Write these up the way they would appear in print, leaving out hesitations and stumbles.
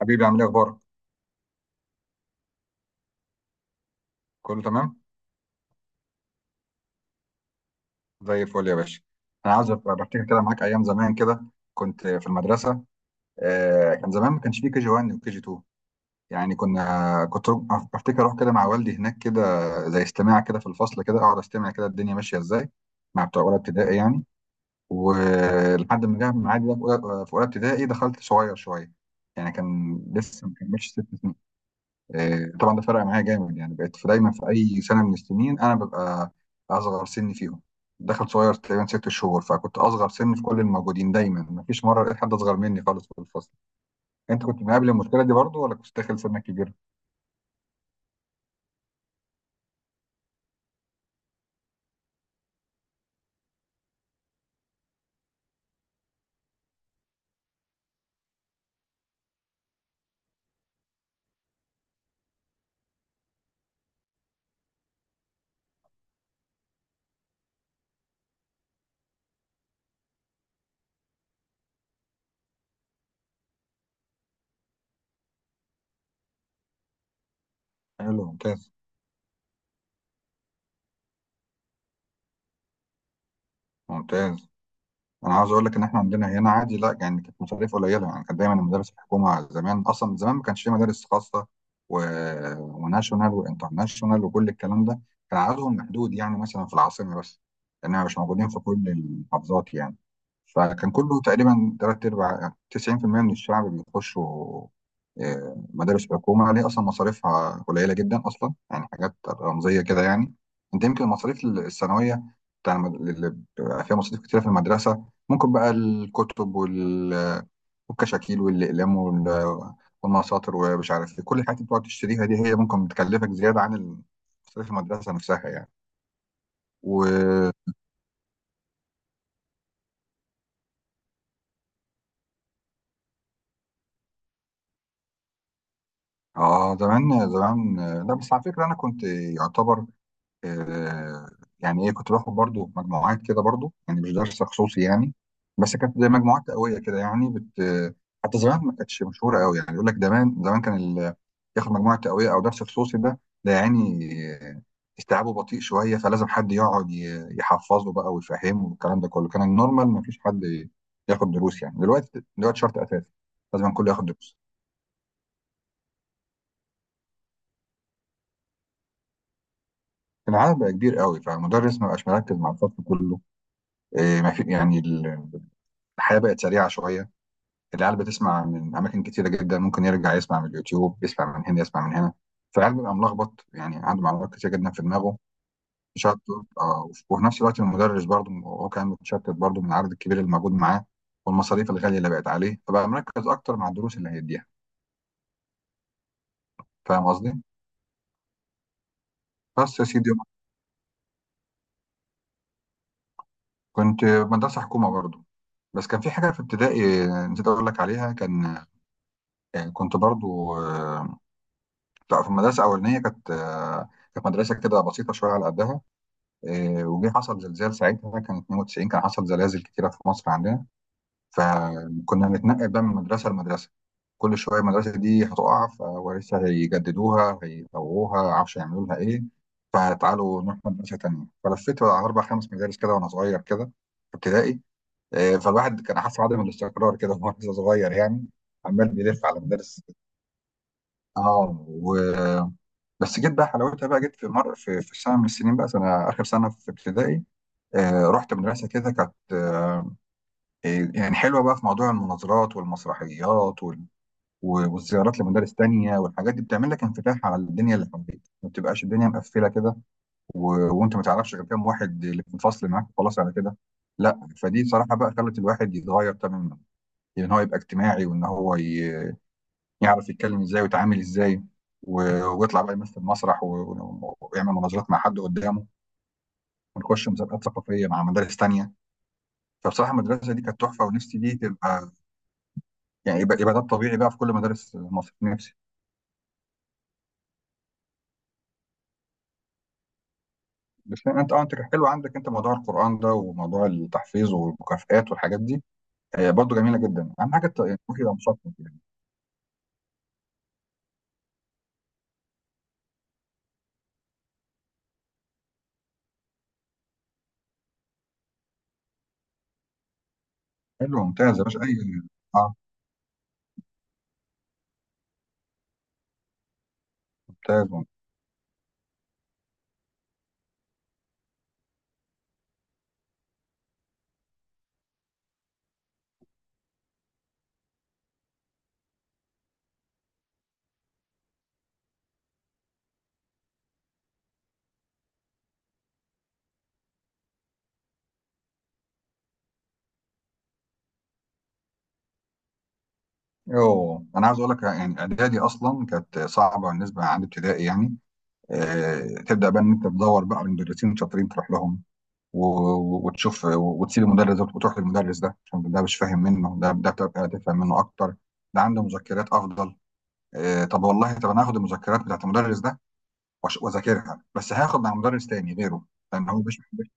حبيبي عامل ايه اخبارك؟ كله تمام، زي الفل يا باشا. انا عايز أبقى بفتكر كده معاك ايام زمان كده. كنت في المدرسه. كان زمان ما كانش فيه كي جي 1 وكي جي 2. بفتكر اروح كده مع والدي هناك كده، زي استماع كده في الفصل كده، اقعد استمع كده الدنيا ماشيه ازاي، مع بتوع اولى ابتدائي يعني. ولحد ما جه معادي بقى في اولى في أولى ابتدائي، دخلت صغير شويه، يعني كان لسه ما كملش ست سنين. طبعا ده فرق معايا جامد، يعني بقيت دايما في اي سنه من السنين انا ببقى اصغر سن فيهم. دخل صغير تقريبا ست شهور، فكنت اصغر سن في كل الموجودين دايما، مفيش مره لقيت حد اصغر مني خالص في الفصل. انت كنت مقابل المشكله دي برضو، ولا كنت داخل سنك كبير؟ حلو، ممتاز، ممتاز. انا عاوز اقول لك ان احنا عندنا هنا عادي، لا يعني كانت مصاريف قليله، يعني كانت دايما المدارس الحكومه زمان، اصلا زمان ما كانش في مدارس خاصه و... وناشونال وانترناشونال وكل الكلام ده، كان عددهم محدود، يعني مثلا في العاصمه بس، لانها مش موجودين في كل المحافظات يعني. فكان كله تقريبا تلات أرباع، 90% من الشعب بيخشوا مدارس حكومة، اللي هي أصلا مصاريفها قليلة جدا أصلا، يعني حاجات رمزية كده يعني. أنت يمكن المصاريف الثانوية اللي بيبقى فيها مصاريف كتيرة في المدرسة، ممكن بقى الكتب والكشاكيل والأقلام والمساطر ومش عارف إيه، كل الحاجات اللي بتقعد تشتريها دي هي ممكن بتكلفك زيادة عن مصاريف المدرسة نفسها يعني. و زمان لا بس على فكرة أنا كنت يعتبر، آه، يعني ايه، كنت باخد برضو مجموعات كده برضو، يعني مش درس خصوصي يعني، بس كانت زي مجموعات قويه كده يعني حتى زمان ما كانتش مشهوره قوي، يعني يقول لك زمان زمان كان ياخد مجموعه تقويه او درس خصوصي، ده يعني آه، استيعابه بطيء شويه، فلازم حد يقعد يحفظه بقى ويفهمه والكلام ده كله. كان النورمال ما فيش حد ياخد دروس، يعني دلوقتي دلوقتي شرط اساسي، لازم الكل ياخد دروس. العدد بقى كبير قوي، فالمدرس ما بقاش مركز مع الفصل كله. ما في يعني الحياة بقت سريعة شوية، العيال بتسمع من أماكن كتيرة جدا، ممكن يرجع يسمع من اليوتيوب، يسمع من هنا يسمع من هنا، فالعيال بيبقى ملخبط، يعني عنده معلومات كتير جدا في دماغه، مشتت. آه، وفي نفس الوقت المدرس برضه هو كان متشتت برضه من العدد الكبير اللي موجود معاه، والمصاريف الغالية اللي بقت عليه، فبقى مركز أكتر مع الدروس اللي هيديها. فاهم قصدي؟ بس يا سيدي، كنت في مدرسة حكومة برضه، بس كان في حاجة في ابتدائي نسيت أقول لك عليها. كان يعني كنت برضه، لا، في المدرسة الأولانية كانت، كانت مدرسة كده بسيطة شوية على قدها. وجه حصل زلزال ساعتها، كان 92، كان حصل زلازل كتيرة في مصر عندنا، فكنا بنتنقل بقى من مدرسة لمدرسة. كل شوية المدرسة دي هتقع، فلسه هيجددوها، هيطوروها، عارفش يعملوا لها ايه، فتعالوا نروح مدرسة تانية. فلفيت على أربع خمس مدارس كده وأنا صغير كده في ابتدائي. فالواحد كان حاسس بعدم الاستقرار كده وهو لسه صغير يعني، عمال بيلف على مدارس. اه و... بس جيت بقى حلاوتها، بقى جيت في سنة من السنين، بقى سنة آخر سنة في ابتدائي. رحت مدرسة كده كانت، يعني حلوة بقى في موضوع المناظرات والمسرحيات والزيارات لمدارس تانية والحاجات دي، بتعمل لك انفتاح على الدنيا اللي حواليك، ما بتبقاش الدنيا مقفلة كده و... وانت ما تعرفش غير كام واحد اللي في الفصل معاك، خلاص على كده. لا فدي صراحة بقى خلت الواحد يتغير تماما، يعني ان هو يبقى اجتماعي، يعرف يتكلم ازاي ويتعامل ازاي، و... ويطلع بقى يمثل مسرح ويعمل مناظرات مع حد قدامه، ونخش مسابقات ثقافية مع مدارس تانية. فبصراحه المدرسه دي كانت تحفه، ونفسي دي تبقى يعني يبقى ده الطبيعي بقى في كل مدارس مصر، نفسي. بس يعني انت اه، انت كان حلو عندك انت موضوع القران ده وموضوع التحفيظ والمكافآت والحاجات دي، برضه جميله جدا، اهم حاجه يعني تروح يبقى مثقف يعني. حلو، ممتاز يا باشا، اي، اه، ممتاز. يوه انا عاوز اقول لك، يعني اعدادي اصلا كانت صعبه بالنسبه عند ابتدائي يعني. تبدا بقى ان انت تدور بقى على مدرسين شاطرين تروح لهم وتشوف، وتسيب المدرس ده وتروح للمدرس ده عشان ده مش فاهم منه، ده تبقى تفهم منه اكتر، ده عنده مذكرات افضل. طب والله طب انا هاخد المذكرات بتاعت المدرس ده واذاكرها، بس هاخد مع مدرس تاني غيره، لان هو مش مش-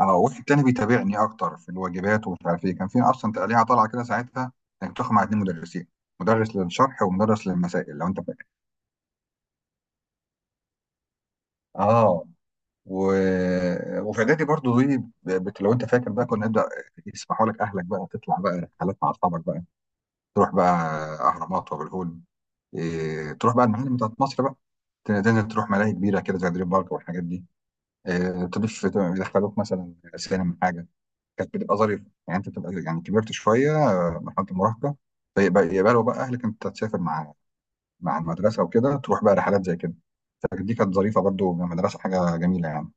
اه واحد تاني بيتابعني اكتر في الواجبات، ومش عارف ايه. كان في اصلا تقليعه طالعه كده ساعتها، انك تاخد مع اتنين مدرسين، مدرس للشرح ومدرس للمسائل، لو انت فاكر. اه و... وفي اعدادي برضو دي لو انت فاكر بقى، كنا نبدا يسمحوا لك اهلك بقى تطلع بقى رحلات مع اصحابك بقى، تروح بقى اهرامات وابو الهول، إيه... تروح بقى المعالم بتاعت مصر بقى، تنزل تروح ملاهي كبيره كده زي دريم بارك والحاجات دي، إيه... تضيف يدخلوك مثلا سينما حاجه. كانت بتبقى ظريفه، يعني انت بتبقى يعني كبرت شويه، مرحله المراهقه، يبقى لو بقى اهلك انت تسافر مع المدرسه وكده، تروح بقى رحلات زي كده، فدي كانت ظريفه برضو. من المدرسه حاجه جميله يعني.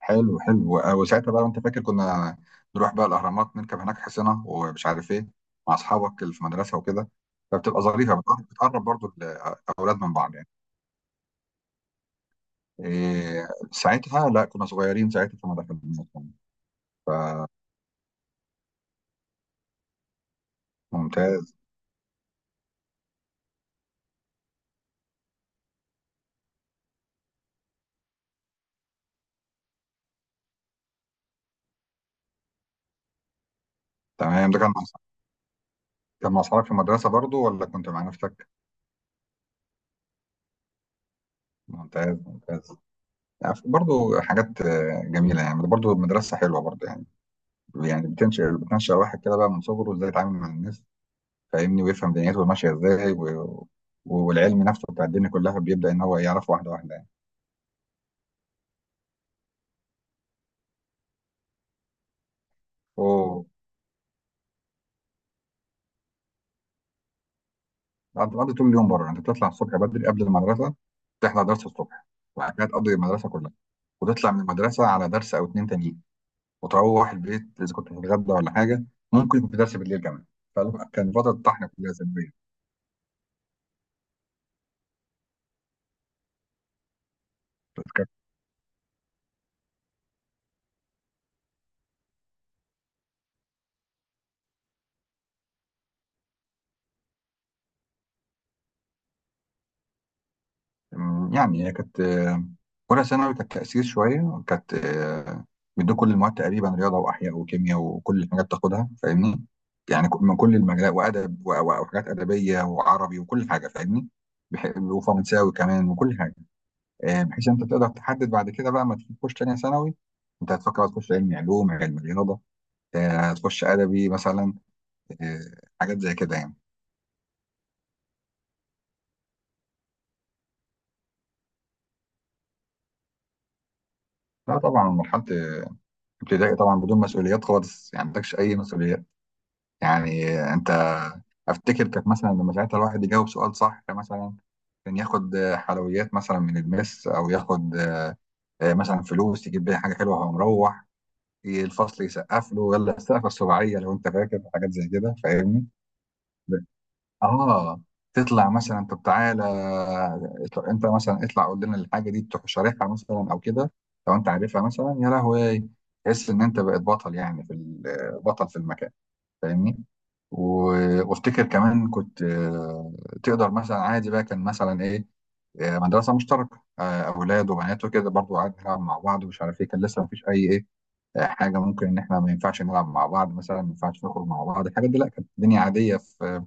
حلو، حلو، وساعتها بقى وانت فاكر، كنا نروح بقى الاهرامات، نركب هناك حصينه ومش عارف ايه، مع اصحابك اللي في المدرسه وكده، فبتبقى ظريفه، بتقرب برضو الاولاد من بعض يعني. إيه ساعتها لا كنا صغيرين ساعتها فما دخلناش يعني. ممتاز، تمام. ده كان مع كان مع اصحابك في المدرسه برضو، ولا كنت مع نفسك؟ ممتاز، ممتاز، يعني برضو حاجات جميله، يعني برضو المدرسه حلوه برضو، يعني بتنشئ الواحد كده بقى من صغره ازاي يتعامل مع الناس، فاهمني، ويفهم دنيته ماشيه ازاي والعلم نفسه بتاع الدنيا كلها بيبدا ان هو يعرف واحده واحده يعني. هو انت بتقضي طول اليوم بره، انت بتطلع الصبح بدري قبل المدرسه تحضر درس الصبح، وبعد كده تقضي المدرسه كلها، وتطلع من المدرسه على درس او اتنين تانيين، وتروح البيت اذا كنت هتتغدى ولا حاجه، ممكن يكون في درس بالليل كمان. فكان فتره طحن كلها سلبيه. يعني هي كانت، اولى ثانوي كانت تاثير شويه كانت، بيدوك كل المواد تقريبا، رياضه واحياء وكيمياء وكل الحاجات بتاخدها، فاهمني، من كل المجالات، وادب وحاجات ادبيه وعربي وكل حاجه، فاهمني، وفرنساوي كمان وكل حاجه. بحيث انت تقدر تحدد بعد كده بقى، ما تيجي تخش تانية ثانوي، انت هتفكر بقى تخش علم علوم علم رياضه، هتخش ادبي مثلا، آه، حاجات زي كده يعني. لا طبعا مرحله ابتدائي طبعا، بدون مسؤوليات خالص، يعني ما عندكش اي مسؤوليات، يعني انت افتكر كانت، مثلا لما ساعتها الواحد يجاوب سؤال صح مثلا، كان ياخد حلويات مثلا من المس، او ياخد مثلا فلوس يجيب بيها حاجه حلوه، وهو مروح الفصل يسقف له يلا السقفه السباعيه، لو انت فاكر حاجات زي كده، فاهمني، اه. تطلع مثلا، طب تعالى انت مثلا اطلع، قول لنا الحاجه دي، تروح شارحها مثلا او كده لو انت عارفها مثلا، يا لهوي تحس ان انت بقيت بطل، يعني بطل في المكان، فاهمني. وافتكر كمان كنت، تقدر مثلا عادي بقى، كان مثلا ايه، مدرسه مشتركه، اولاد وبنات وكده برضو عادي، نلعب مع بعض ومش عارف ايه، كان لسه مفيش اي ايه، حاجه ممكن ان احنا ما ينفعش نلعب مع بعض مثلا، ما ينفعش نخرج مع بعض، الحاجات دي لا، كانت الدنيا عاديه في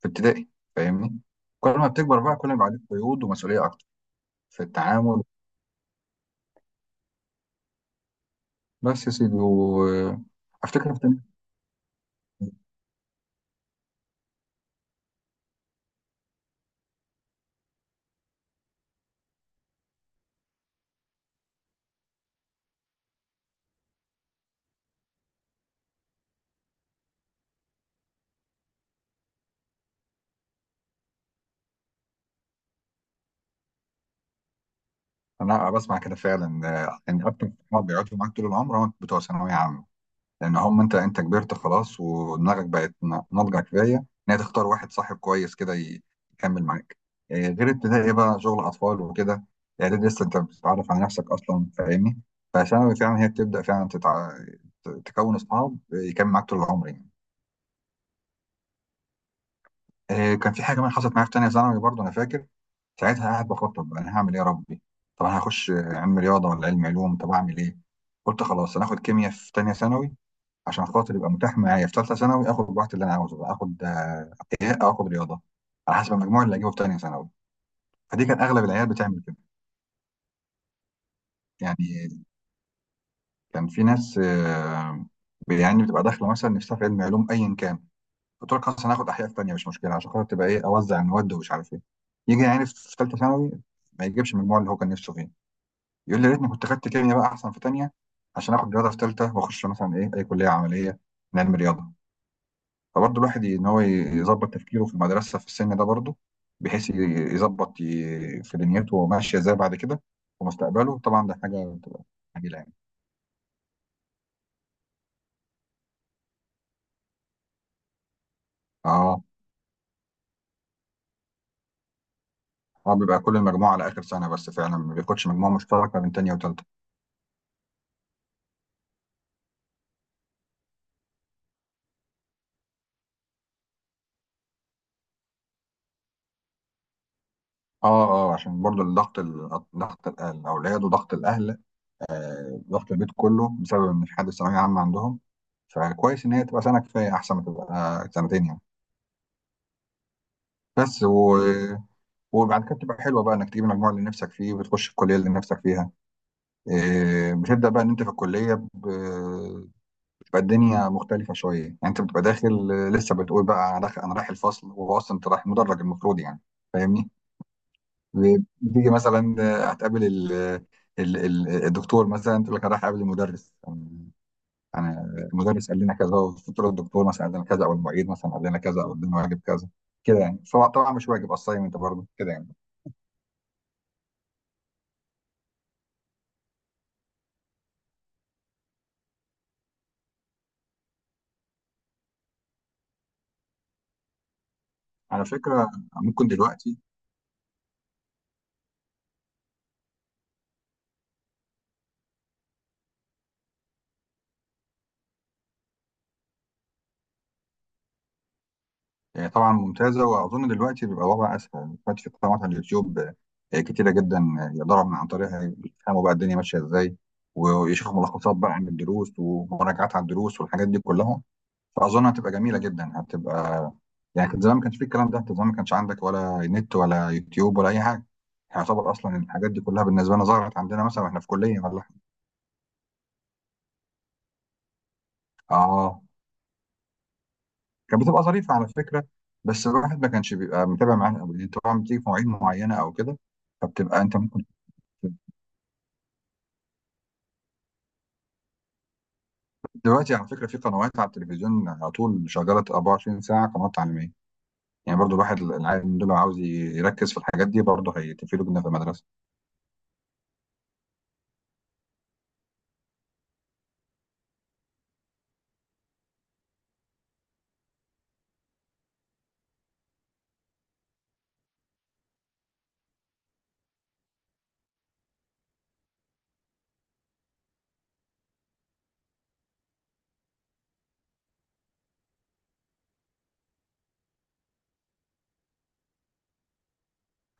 في ابتدائي، فاهمني. كل ما بتكبر بقى، كل ما يبقى عليك قيود ومسؤوليه اكتر في التعامل. بس يا سيدي، وافتكر في تانية- انا بسمع كده فعلا، يعني اكتر ما بيقعدوا معاك طول العمر هم بتوع ثانويه عامه، لان هم انت كبرت خلاص، ودماغك بقت ناضجه كفايه ان هي تختار واحد صاحب كويس كده يكمل معاك. إيه، غير ابتدائي بقى شغل اطفال وكده، اعدادي لسه انت بتتعرف على نفسك اصلا، فاهمني، فثانوي فعلا هي بتبدا فعلا تكون اصحاب يكمل معاك طول العمر يعني. إيه، كان في حاجه كمان حصلت معايا في تانيه ثانوي برضه انا فاكر. ساعتها قاعد بخطط بقى انا هعمل ايه يا ربي؟ طب انا هخش علم رياضه ولا علم علوم؟ طب اعمل ايه؟ قلت خلاص انا هاخد كيمياء في تانيه ثانوي، عشان خاطر يبقى متاح معايا في ثالثه ثانوي اخد الوقت اللي انا عاوزه بقى، اخد ايه او اخد رياضه، على حسب المجموع اللي اجيبه في ثانيه ثانوي. فدي كان اغلب العيال بتعمل كده. يعني كان في ناس يعني بتبقى داخله مثلا نفسها في علم علوم، ايا كان قلت لك خلاص انا هاخد احياء في ثانيه مش مشكله، عشان خاطر تبقى ايه اوزع المواد ومش عارف ايه. يجي يعني في ثالثه ثانوي ما يجيبش المجموع اللي هو كان نفسه فيه، يقول لي يا ريتني كنت خدت كيمياء بقى احسن في ثانيه، عشان اخد رياضه في ثالثه واخش مثلا ايه اي كليه عمليه من علم رياضه. فبرضه الواحد ان هو يظبط تفكيره في المدرسه في السن ده برضه، بحيث يظبط في دنيته وماشيه ازاي بعد كده ومستقبله، طبعا ده حاجه بتبقى جميله يعني. اه. اه بيبقى كل المجموعه على اخر سنه بس فعلا، ما بياخدش مجموعه مشتركه بين تانية وتالتة. اه. اه عشان برضه الضغط ضغط الاولاد وضغط الاهل، ضغط البيت كله بسبب ان في حد ثانويه عامه عندهم. فكويس ان هي تبقى سنه كفايه، احسن ما تبقى سنتين يعني. بس و... وبعد كده بتبقى حلوه بقى انك تجيب المجموع اللي نفسك فيه وتخش الكليه اللي نفسك فيها. بتبدأ بقى ان انت في الكلية بتبقى الدنيا مختلفة شوية، يعني انت بتبقى داخل لسه بتقول بقى انا داخل انا رايح الفصل، وهو اصلا انت رايح مدرج المفروض يعني، فاهمني؟ بتيجي مثلا هتقابل الدكتور، مثلا تقول لك انا رايح اقابل المدرس، أنا المدرس قال لنا كذا، وتقول الدكتور مثلا قال لنا كذا او المعيد مثلا قال لنا كذا او ادينا واجب كذا كده يعني. طبعا مش واجب، اسايمنت برضه كده يعني. على فكرة ممكن دلوقتي طبعا ممتازه، واظن دلوقتي بيبقى الوضع اسهل دلوقتي، في قنوات على اليوتيوب كتيره جدا، يقدروا من عن طريقها يفهموا بقى الدنيا ماشيه ازاي، ويشوفوا ملخصات بقى عن الدروس ومراجعات على الدروس والحاجات دي كلها. فاظن هتبقى جميله جدا هتبقى، يعني كان زمان ما كانش في الكلام ده، كان زمان ما كانش عندك ولا نت ولا يوتيوب ولا اي حاجه، يعتبر اصلا الحاجات دي كلها بالنسبه لنا ظهرت عندنا مثلا واحنا في كليه ولا حاجه. اه كانت بتبقى ظريفه على فكره، بس الواحد ما كانش بيبقى متابع معاها قوي طبعا، بتيجي في مواعيد معينه او كده. فبتبقى انت دلوقتي على فكره في قنوات على التلفزيون على طول شغاله 24 ساعه، قنوات تعليميه، يعني برضو الواحد العيال من دول لو عاوز يركز في الحاجات دي برضو هيتفيدوا جدا في المدرسه.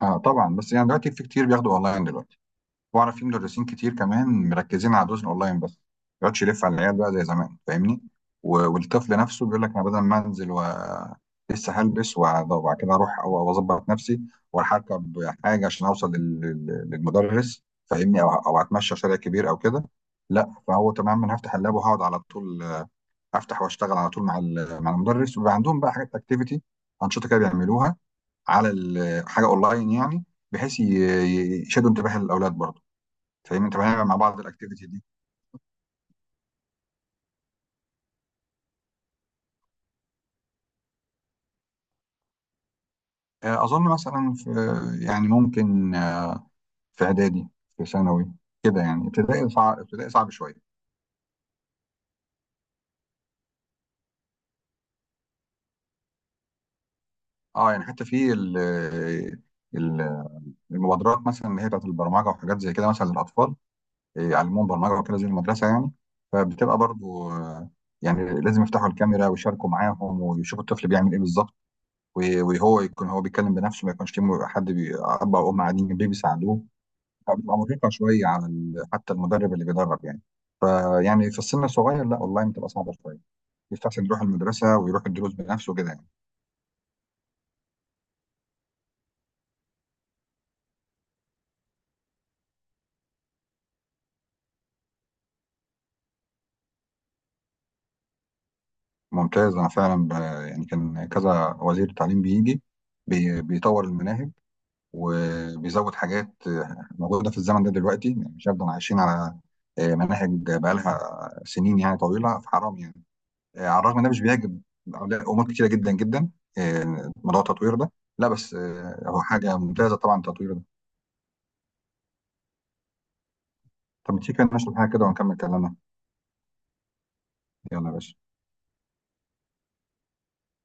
آه طبعا، بس يعني دلوقتي في كتير بياخدوا اونلاين دلوقتي، واعرف في مدرسين كتير كمان مركزين على الدروس الاونلاين بس، ما يقعدش يلف على العيال بقى زي زمان، فاهمني؟ والطفل نفسه بيقول لك انا بدل ما انزل و لسه هلبس وبعد كده اروح أو اظبط نفسي واركب حاجه عشان اوصل للمدرس، فاهمني؟ او اتمشى شارع كبير او كده، لا فهو تماما أنا هفتح اللاب وهقعد على طول، افتح واشتغل على طول مع مع المدرس. وبيبقى عندهم بقى حاجات اكتيفيتي، انشطه كده بيعملوها على حاجه اونلاين يعني، بحيث يشدوا انتباه الاولاد برضه، فاهمني؟ انت بنعمل مع بعض الاكتيفيتي دي. اظن مثلا في، يعني ممكن في اعدادي، في ثانوي كده يعني. ابتدائي صعب، ابتدائي صعب شويه. اه يعني حتى في ال- المبادرات مثلا اللي هي بتاعت البرمجه وحاجات زي كده مثلا للاطفال، يعلموهم برمجه وكده زي المدرسه يعني. فبتبقى برضو يعني لازم يفتحوا الكاميرا ويشاركوا معاهم ويشوفوا الطفل بيعمل ايه بالظبط، وهو يكون هو بيتكلم بنفسه، ما يكونش في حد اب او ام قاعدين جنبيه بيساعدوه. بتبقى مرهقة شوية على حتى المدرب اللي بيدرب يعني. فيعني في السن الصغير لا، اونلاين بتبقى صعبة شوية، يستحسن يروح المدرسة ويروح الدروس بنفسه كده يعني. ممتاز، يعني كان كذا وزير تعليم بيجي بيطور المناهج وبيزود حاجات موجودة في الزمن ده دلوقتي، يعني مش هنفضل عايشين على مناهج بقالها سنين يعني طويلة، فحرام يعني. على الرغم إن ده مش بيعجب أمور كتيرة جدا جدا، موضوع التطوير ده، لا بس هو حاجة ممتازة طبعا التطوير ده. طب تيجي كده نشرب حاجة كده ونكمل كلامنا. يلا يا باشا.